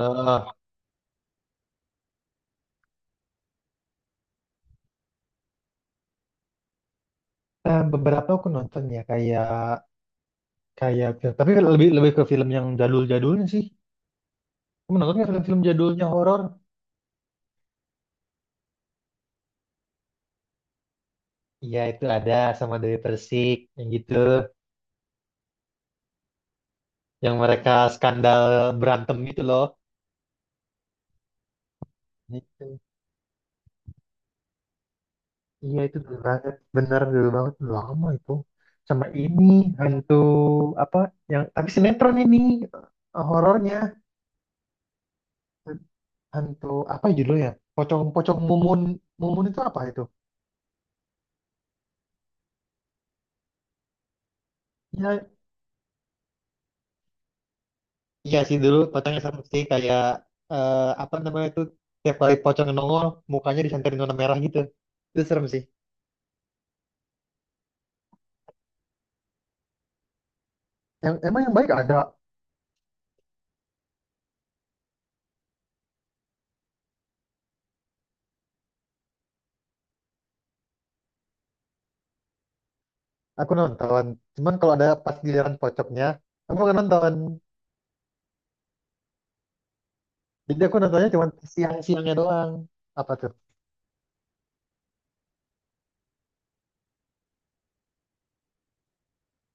Alah. Beberapa aku nonton ya kayak kayak film tapi lebih lebih ke film yang jadul-jadulnya sih. Kamu nonton nggak film-film jadulnya horor? Iya itu ada sama Dewi Persik yang gitu, yang mereka skandal berantem gitu loh. Itu. Iya itu dulu banget, bener dulu banget, lama itu. Sama ini hantu apa yang tapi sinetron ini horornya hantu apa judulnya? Pocong-pocong mumun mumun itu apa itu? Iya sih dulu fotonya sama sih kayak eh, apa namanya itu tiap kali pocong nongol mukanya disanterin warna merah gitu. Itu serem sih. Yang emang yang baik ada aku nonton. Cuman kalau ada pas giliran pocongnya aku nggak nonton. Jadi aku nontonnya cuma siang-siangnya doang. Apa tuh?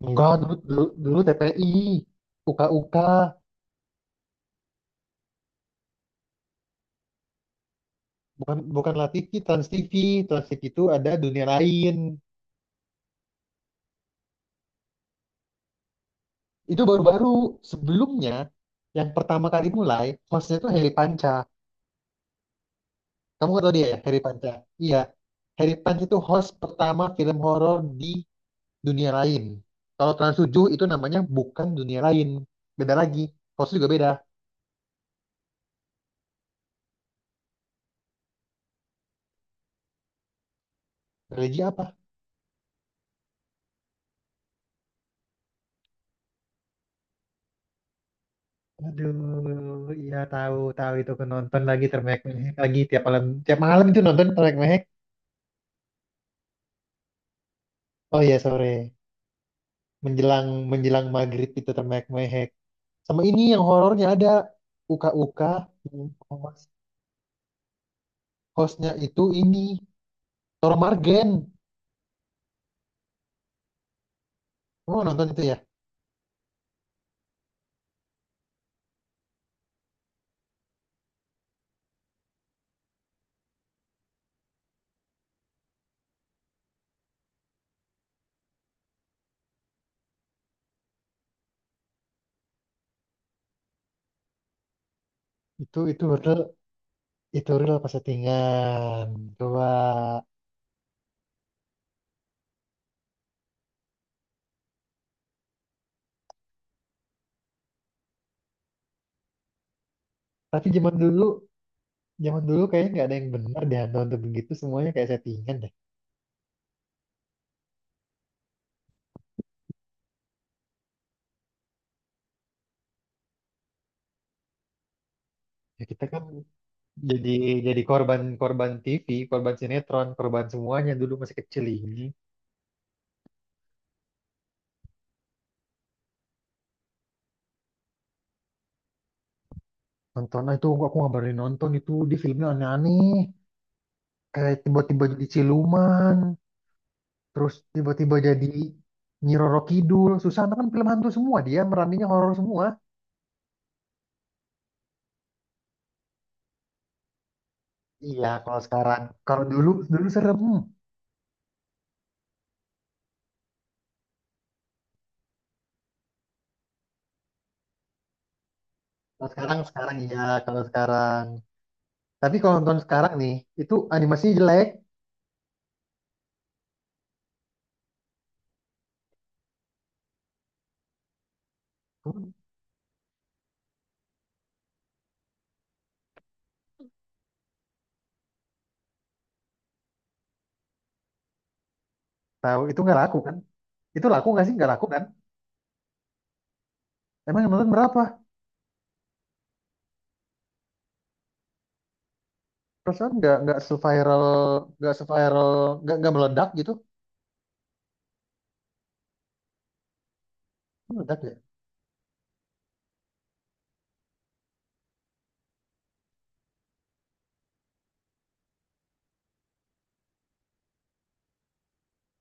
Enggak dulu dulu, dulu TPI, UKUK, bukan bukan La TV, Trans TV. Trans TV itu ada dunia lain. Itu baru-baru sebelumnya yang pertama kali mulai hostnya tuh Heri Panca. Kamu nggak tahu dia ya, Harry Panca? Iya. Harry Panca itu host pertama film horor di dunia lain. Kalau Trans 7 itu namanya bukan dunia lain. Beda lagi. Host juga beda. Religi apa? Aduh, iya tahu tahu itu aku nonton lagi termehek-mehek lagi tiap malam itu nonton termehek-mehek. Oh iya sore menjelang menjelang maghrib itu termehek-mehek. Sama ini yang horornya ada. Uka-uka. Yang host- Hostnya itu ini. Toro Margen. Kamu nonton itu ya? Itu horor itu real pas settingan. Coba. Tapi zaman dulu kayaknya nggak ada yang benar deh hantu untuk begitu semuanya kayak settingan deh. Ya kita kan jadi jadi korban, korban TV, korban sinetron, korban semuanya dulu masih kecil ini. Nonton. "Ah, itu aku nggak berani nonton itu di filmnya aneh-aneh. Kayak tiba-tiba jadi siluman, terus tiba-tiba jadi Nyi Roro Kidul. Susana kan film hantu semua dia, meraninya horor semua. Iya, kalau sekarang, kalau dulu dulu serem. Kalau sekarang sekarang iya kalau sekarang. Tapi kalau nonton sekarang nih itu animasinya jelek. Kamu tahu itu nggak laku kan? Itu laku nggak sih? Nggak laku kan? Emang yang nonton berapa? Perasaan nggak seviral, nggak seviral nggak meledak gitu? Meledak ya?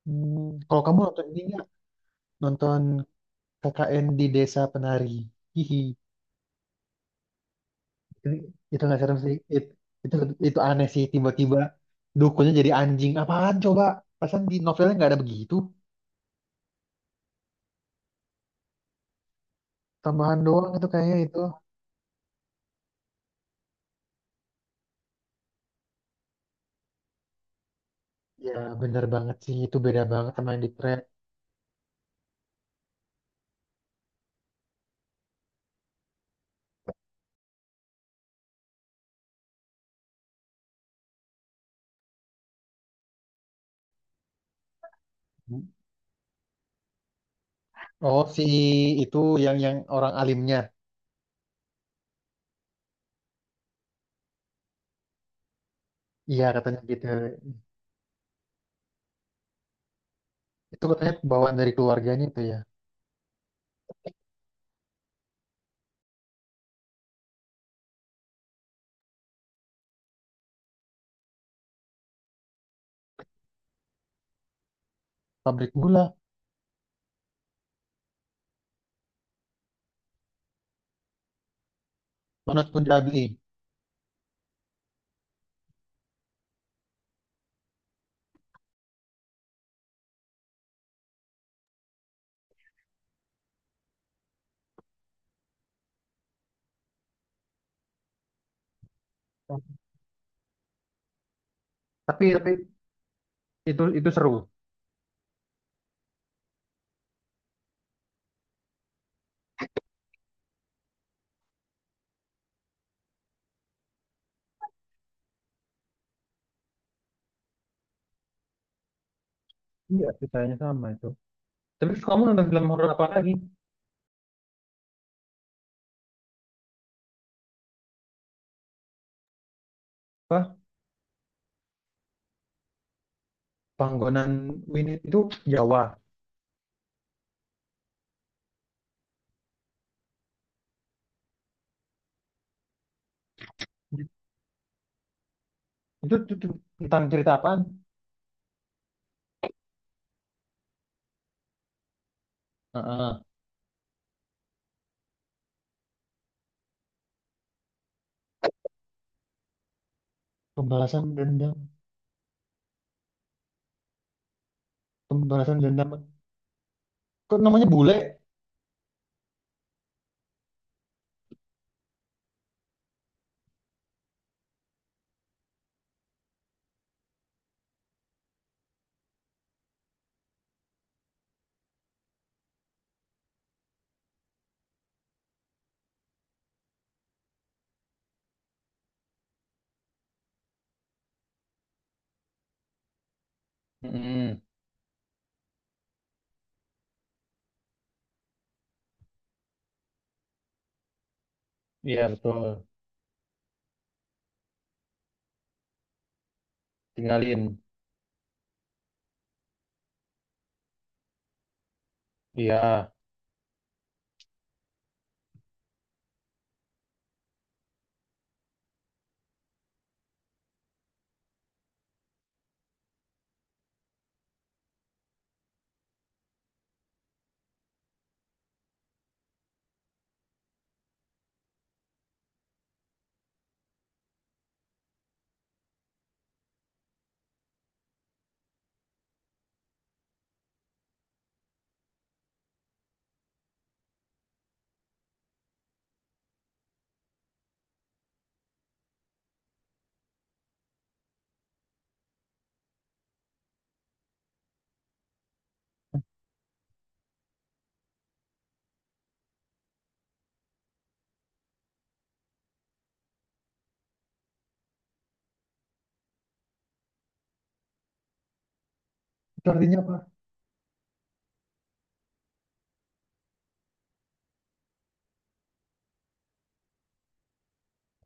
Hmm, kalau kamu nonton ini nggak? Nonton KKN di Desa Penari. Hihi. Itu itu nggak serem sih. It- itu itu aneh sih tiba-tiba dukunnya jadi anjing. Apaan coba? Perasaan di novelnya nggak ada begitu. Tambahan doang itu kayaknya itu. Ya, bener banget sih. Itu beda banget sama yang di trap. Oh, si itu yang orang alimnya. Iya, katanya gitu. Itu katanya bawaan dari keluarganya itu ya. Pabrik gula, Panas Punjabi. Tapi itu seru. Iya, ceritanya sama itu. Tapi kamu nonton film horor apa lagi? Wah, Panggonan Winit itu Jawa. Itu tentang cerita apaan? Heeh. Pembalasan dendam. Pembalasan dendam. Kok namanya bule? Hmm. Iya. Iya. Itu artinya apa?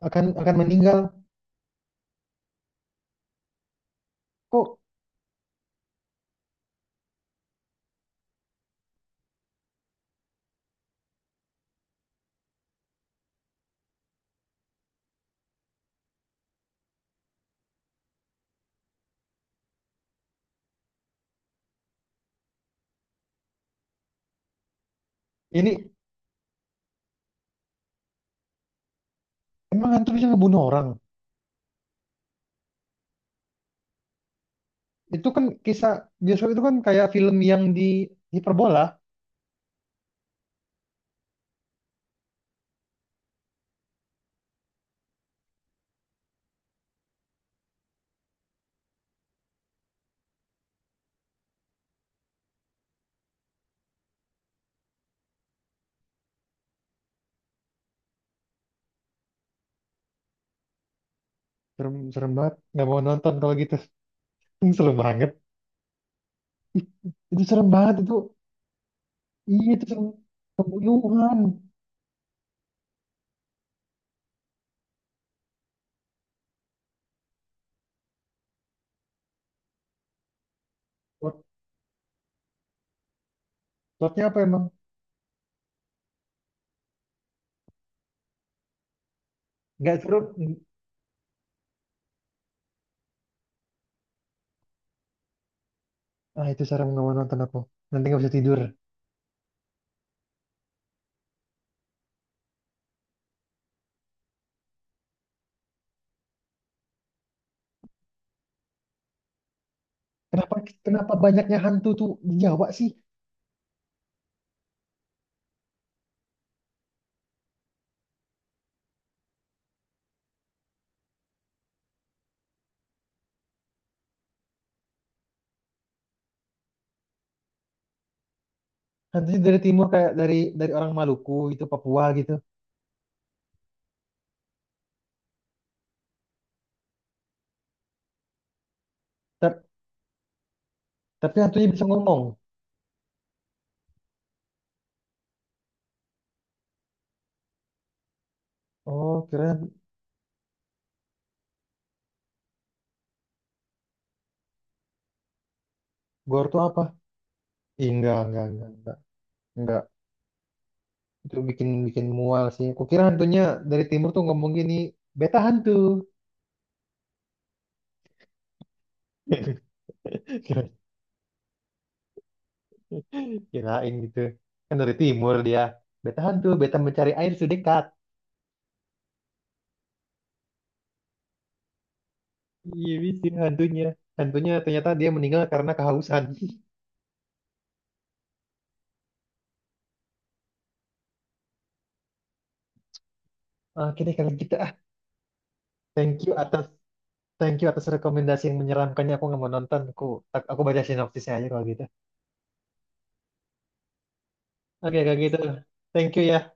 Akan meninggal. Kok ini emang hantu bisa ngebunuh orang? Itu kan kisah bioskop itu kan kayak film yang di hiperbola. Serem, serem banget. Nggak mau nonton kalau gitu. Serem banget. Itu serem banget itu. Iya itu serem. Pembunuhan. Plot- Plotnya apa emang? Nggak seru. Ah itu serem nggak mau nonton aku. Nanti nggak bisa tidur. Kenapa kenapa banyaknya hantu tuh di Jawa sih? Hantunya dari timur kayak dari orang Maluku gitu, Papua gitu. Ta- Tapi hantunya bisa ngomong. Oh, kira gore tuh apa? Ih, enggak, enggak. Itu bikin bikin mual sih. Kukira hantunya dari timur tuh ngomong gini, beta hantu. Kira- Kirain gitu. Kan dari timur dia. Beta hantu, beta mencari air sedekat. Iya, bisa hantunya. Hantunya ternyata dia meninggal karena kehausan. Ah, oke deh kalau gitu ah. Thank you atas thank you atas rekomendasi yang menyeramkannya. Aku nggak mau nonton. Aku baca sinopsisnya aja kalau gitu. Oke kalau gitu. Thank you ya.